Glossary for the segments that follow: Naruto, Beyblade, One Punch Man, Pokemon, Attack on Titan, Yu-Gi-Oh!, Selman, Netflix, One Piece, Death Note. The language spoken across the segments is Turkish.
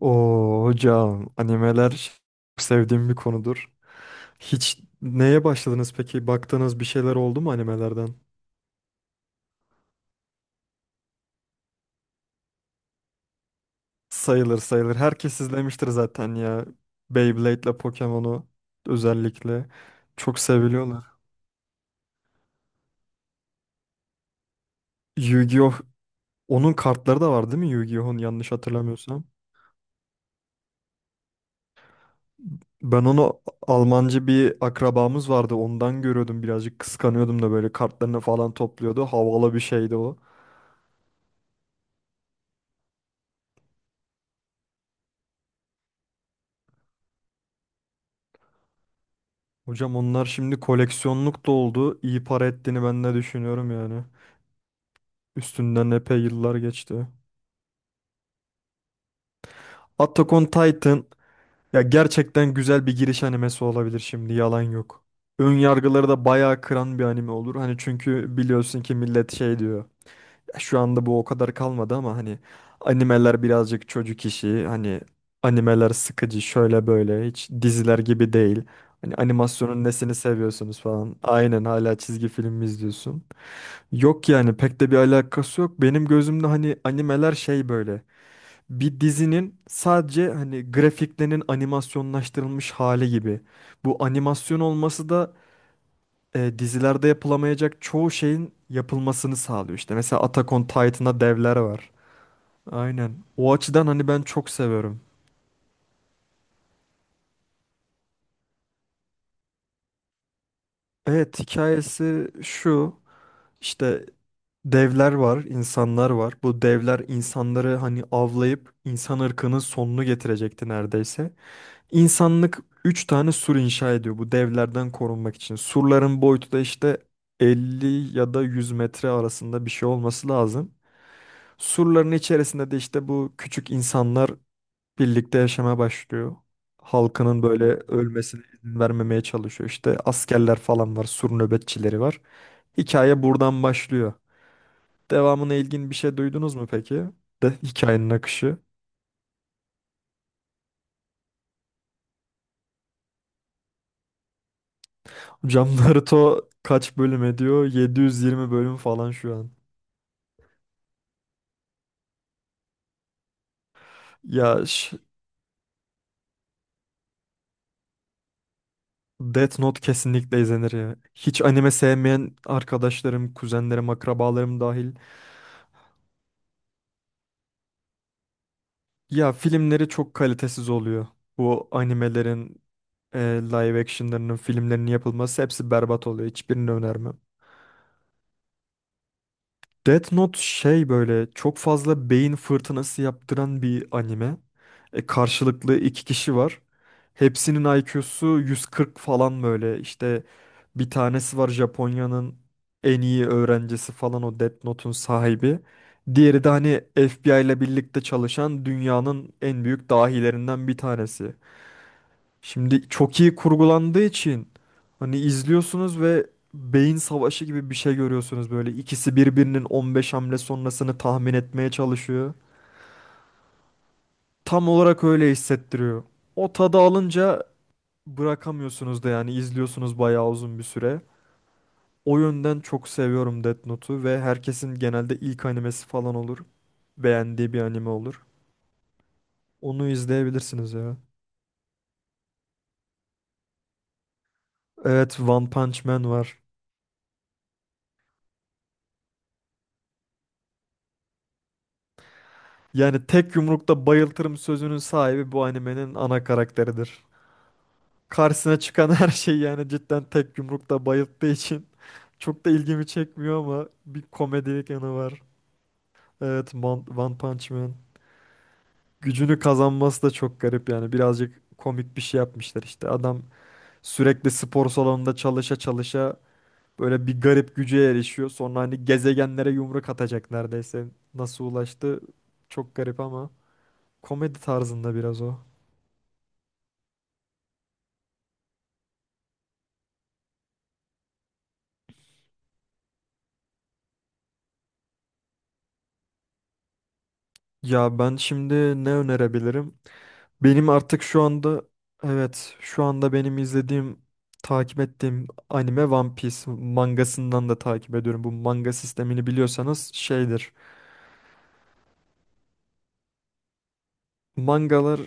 Oo hocam, animeler çok sevdiğim bir konudur. Hiç neye başladınız peki? Baktığınız bir şeyler oldu mu animelerden? Sayılır sayılır. Herkes izlemiştir zaten ya. Beyblade'le Pokemon'u özellikle çok seviliyorlar. Yu-Gi-Oh! Onun kartları da var değil mi Yu-Gi-Oh!'un, yanlış hatırlamıyorsam? Ben onu Almancı bir akrabamız vardı. Ondan görüyordum, birazcık kıskanıyordum da. Böyle kartlarını falan topluyordu. Havalı bir şeydi o. Hocam onlar şimdi koleksiyonluk da oldu. İyi para ettiğini ben de düşünüyorum yani. Üstünden epey yıllar geçti. Attack on Titan ya, gerçekten güzel bir giriş animesi olabilir şimdi, yalan yok. Ön yargıları da bayağı kıran bir anime olur. Hani çünkü biliyorsun ki millet şey diyor. "Ya Şu anda bu o kadar kalmadı ama hani animeler birazcık çocuk işi. Hani animeler sıkıcı, şöyle böyle, hiç diziler gibi değil. Hani animasyonun nesini seviyorsunuz" falan. Aynen, hala çizgi film mi izliyorsun? Yok yani, pek de bir alakası yok. Benim gözümde hani animeler şey böyle. Bir dizinin sadece hani grafiklerinin animasyonlaştırılmış hali gibi. Bu animasyon olması da dizilerde yapılamayacak çoğu şeyin yapılmasını sağlıyor. İşte mesela Attack on Titan'da devler var. Aynen. O açıdan hani ben çok seviyorum. Evet, hikayesi şu. İşte devler var, insanlar var. Bu devler insanları hani avlayıp insan ırkının sonunu getirecekti neredeyse. İnsanlık 3 tane sur inşa ediyor bu devlerden korunmak için. Surların boyutu da işte 50 ya da 100 metre arasında bir şey olması lazım. Surların içerisinde de işte bu küçük insanlar birlikte yaşamaya başlıyor. Halkının böyle ölmesine izin vermemeye çalışıyor. İşte askerler falan var, sur nöbetçileri var. Hikaye buradan başlıyor. Devamına ilgin bir şey duydunuz mu peki? De hikayenin akışı. Hocam Naruto kaç bölüm ediyor? 720 bölüm falan şu an. Ya ş- Death Note kesinlikle izlenir ya. Hiç anime sevmeyen arkadaşlarım, kuzenlerim, akrabalarım dahil. Ya filmleri çok kalitesiz oluyor. Bu animelerin, live action'larının, filmlerinin yapılması hepsi berbat oluyor. Hiçbirini önermem. Death Note şey, böyle çok fazla beyin fırtınası yaptıran bir anime. Karşılıklı 2 kişi var. Hepsinin IQ'su 140 falan böyle. İşte bir tanesi var, Japonya'nın en iyi öğrencisi falan, o Death Note'un sahibi. Diğeri de hani FBI ile birlikte çalışan dünyanın en büyük dahilerinden bir tanesi. Şimdi çok iyi kurgulandığı için hani izliyorsunuz ve beyin savaşı gibi bir şey görüyorsunuz böyle. İkisi birbirinin 15 hamle sonrasını tahmin etmeye çalışıyor. Tam olarak öyle hissettiriyor. O tadı alınca bırakamıyorsunuz da yani, izliyorsunuz bayağı uzun bir süre. O yönden çok seviyorum Death Note'u ve herkesin genelde ilk animesi falan olur. Beğendiği bir anime olur. Onu izleyebilirsiniz ya. Evet, One Punch Man var. Yani "tek yumrukta bayıltırım" sözünün sahibi bu animenin ana karakteridir. Karşısına çıkan her şey, yani cidden tek yumrukta bayılttığı için çok da ilgimi çekmiyor, ama bir komedilik yanı var. Evet, One Punch Man. Gücünü kazanması da çok garip, yani birazcık komik bir şey yapmışlar işte. Adam sürekli spor salonunda çalışa çalışa böyle bir garip güce erişiyor. Sonra hani gezegenlere yumruk atacak neredeyse. Nasıl ulaştı? Çok garip, ama komedi tarzında biraz o. Ya ben şimdi ne önerebilirim? Benim artık şu anda, evet şu anda benim izlediğim, takip ettiğim anime One Piece. Mangasından da takip ediyorum. Bu manga sistemini biliyorsanız şeydir. Mangalar,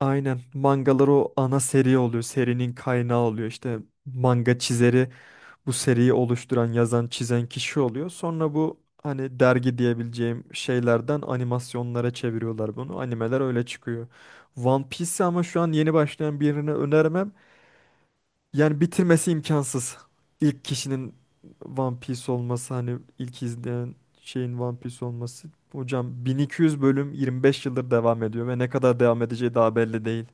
aynen mangalar o ana seri oluyor. Serinin kaynağı oluyor. İşte manga çizeri bu seriyi oluşturan, yazan, çizen kişi oluyor. Sonra bu hani dergi diyebileceğim şeylerden animasyonlara çeviriyorlar bunu. Animeler öyle çıkıyor. One Piece ama şu an yeni başlayan birine önermem. Yani bitirmesi imkansız. İlk kişinin One Piece olması, hani ilk izleyen şeyin One Piece olması. Hocam 1200 bölüm, 25 yıldır devam ediyor ve ne kadar devam edeceği daha belli değil.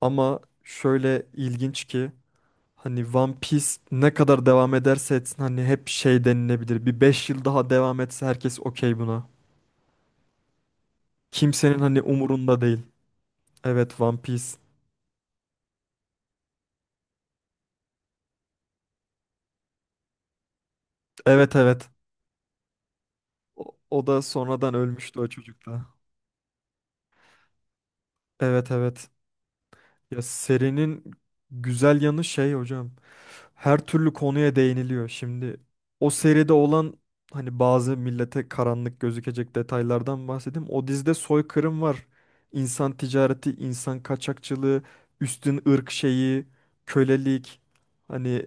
Ama şöyle ilginç ki, hani One Piece ne kadar devam ederse etsin, hani hep şey denilebilir. bir 5 yıl daha devam etse herkes okey buna. Kimsenin hani umurunda değil. Evet, One Piece. Evet evet. O, o da sonradan ölmüştü o çocuk da. Evet evet. Ya serinin güzel yanı şey hocam. Her türlü konuya değiniliyor. Şimdi o seride olan hani bazı millete karanlık gözükecek detaylardan bahsedeyim. O dizide soykırım var. İnsan ticareti, insan kaçakçılığı, üstün ırk şeyi, kölelik. Hani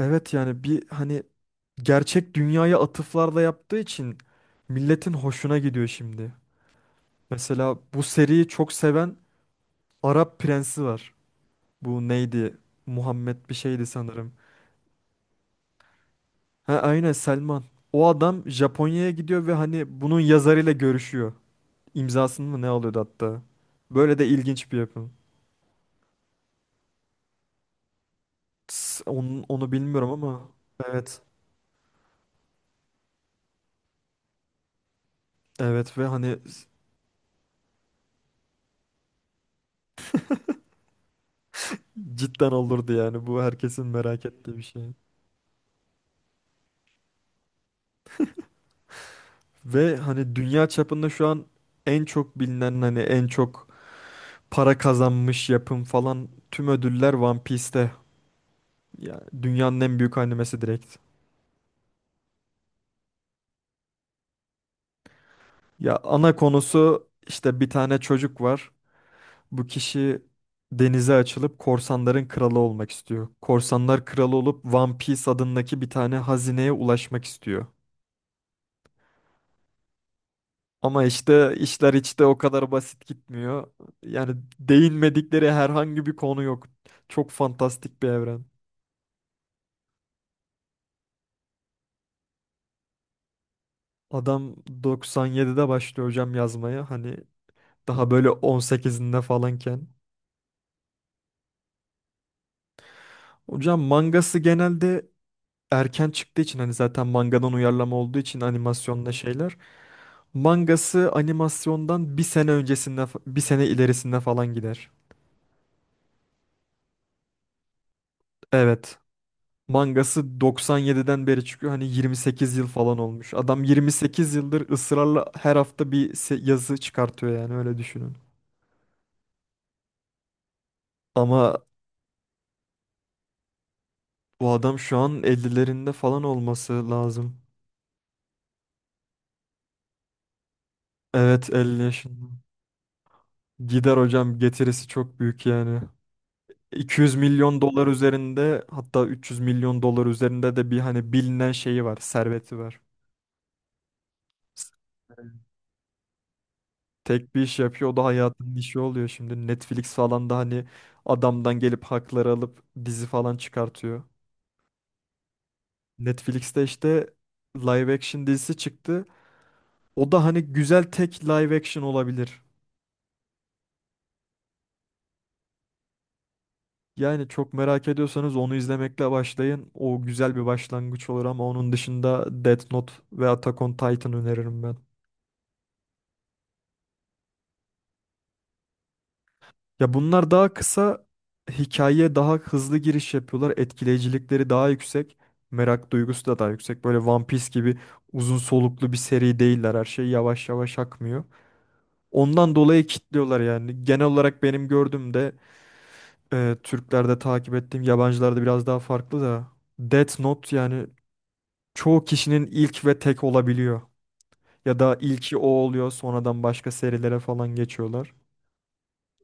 evet yani, bir hani gerçek dünyaya atıflarla yaptığı için milletin hoşuna gidiyor şimdi. Mesela bu seriyi çok seven Arap prensi var. Bu neydi? Muhammed bir şeydi sanırım. Ha, aynen, Selman. O adam Japonya'ya gidiyor ve hani bunun yazarıyla görüşüyor. İmzasını mı ne alıyordu hatta. Böyle de ilginç bir yapım. Onu, bilmiyorum ama evet. Evet ve hani cidden olurdu yani. Bu herkesin merak ettiği bir şey. Ve hani dünya çapında şu an en çok bilinen, hani en çok para kazanmış yapım falan, tüm ödüller One Piece'te. Yani dünyanın en büyük animesi direkt. Ya ana konusu işte, bir tane çocuk var. Bu kişi denize açılıp korsanların kralı olmak istiyor. Korsanlar kralı olup One Piece adındaki bir tane hazineye ulaşmak istiyor. Ama işte işler hiç de o kadar basit gitmiyor. Yani değinmedikleri herhangi bir konu yok. Çok fantastik bir evren. Adam 97'de başlıyor hocam yazmaya. Hani daha böyle 18'inde falanken. Hocam mangası genelde erken çıktığı için, hani zaten mangadan uyarlama olduğu için animasyonda şeyler. Mangası animasyondan bir sene öncesinde bir sene ilerisinde falan gider. Evet. Mangası 97'den beri çıkıyor. Hani 28 yıl falan olmuş. Adam 28 yıldır ısrarla her hafta bir yazı çıkartıyor yani, öyle düşünün. Ama bu adam şu an 50'lerinde falan olması lazım. Evet, 50 yaşında. Gider hocam, getirisi çok büyük yani. 200 milyon dolar üzerinde, hatta 300 milyon dolar üzerinde de bir hani bilinen şeyi var, serveti var. Tek bir iş yapıyor, o da hayatının işi oluyor şimdi. Netflix falan da hani adamdan gelip hakları alıp dizi falan çıkartıyor. Netflix'te işte live action dizisi çıktı. O da hani güzel, tek live action olabilir. Yani çok merak ediyorsanız onu izlemekle başlayın. O güzel bir başlangıç olur, ama onun dışında Death Note ve Attack on Titan öneririm ben. Ya bunlar daha kısa, hikayeye daha hızlı giriş yapıyorlar. Etkileyicilikleri daha yüksek. Merak duygusu da daha yüksek. Böyle One Piece gibi uzun soluklu bir seri değiller. Her şey yavaş yavaş akmıyor. Ondan dolayı kitliyorlar yani. Genel olarak benim gördüğümde Türklerde, takip ettiğim yabancılarda biraz daha farklı da, Death Note yani çoğu kişinin ilk ve tek olabiliyor. Ya da ilki o oluyor, sonradan başka serilere falan geçiyorlar.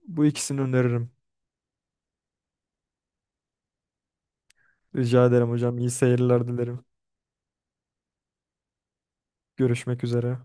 Bu ikisini öneririm. Rica ederim hocam. İyi seyirler dilerim. Görüşmek üzere.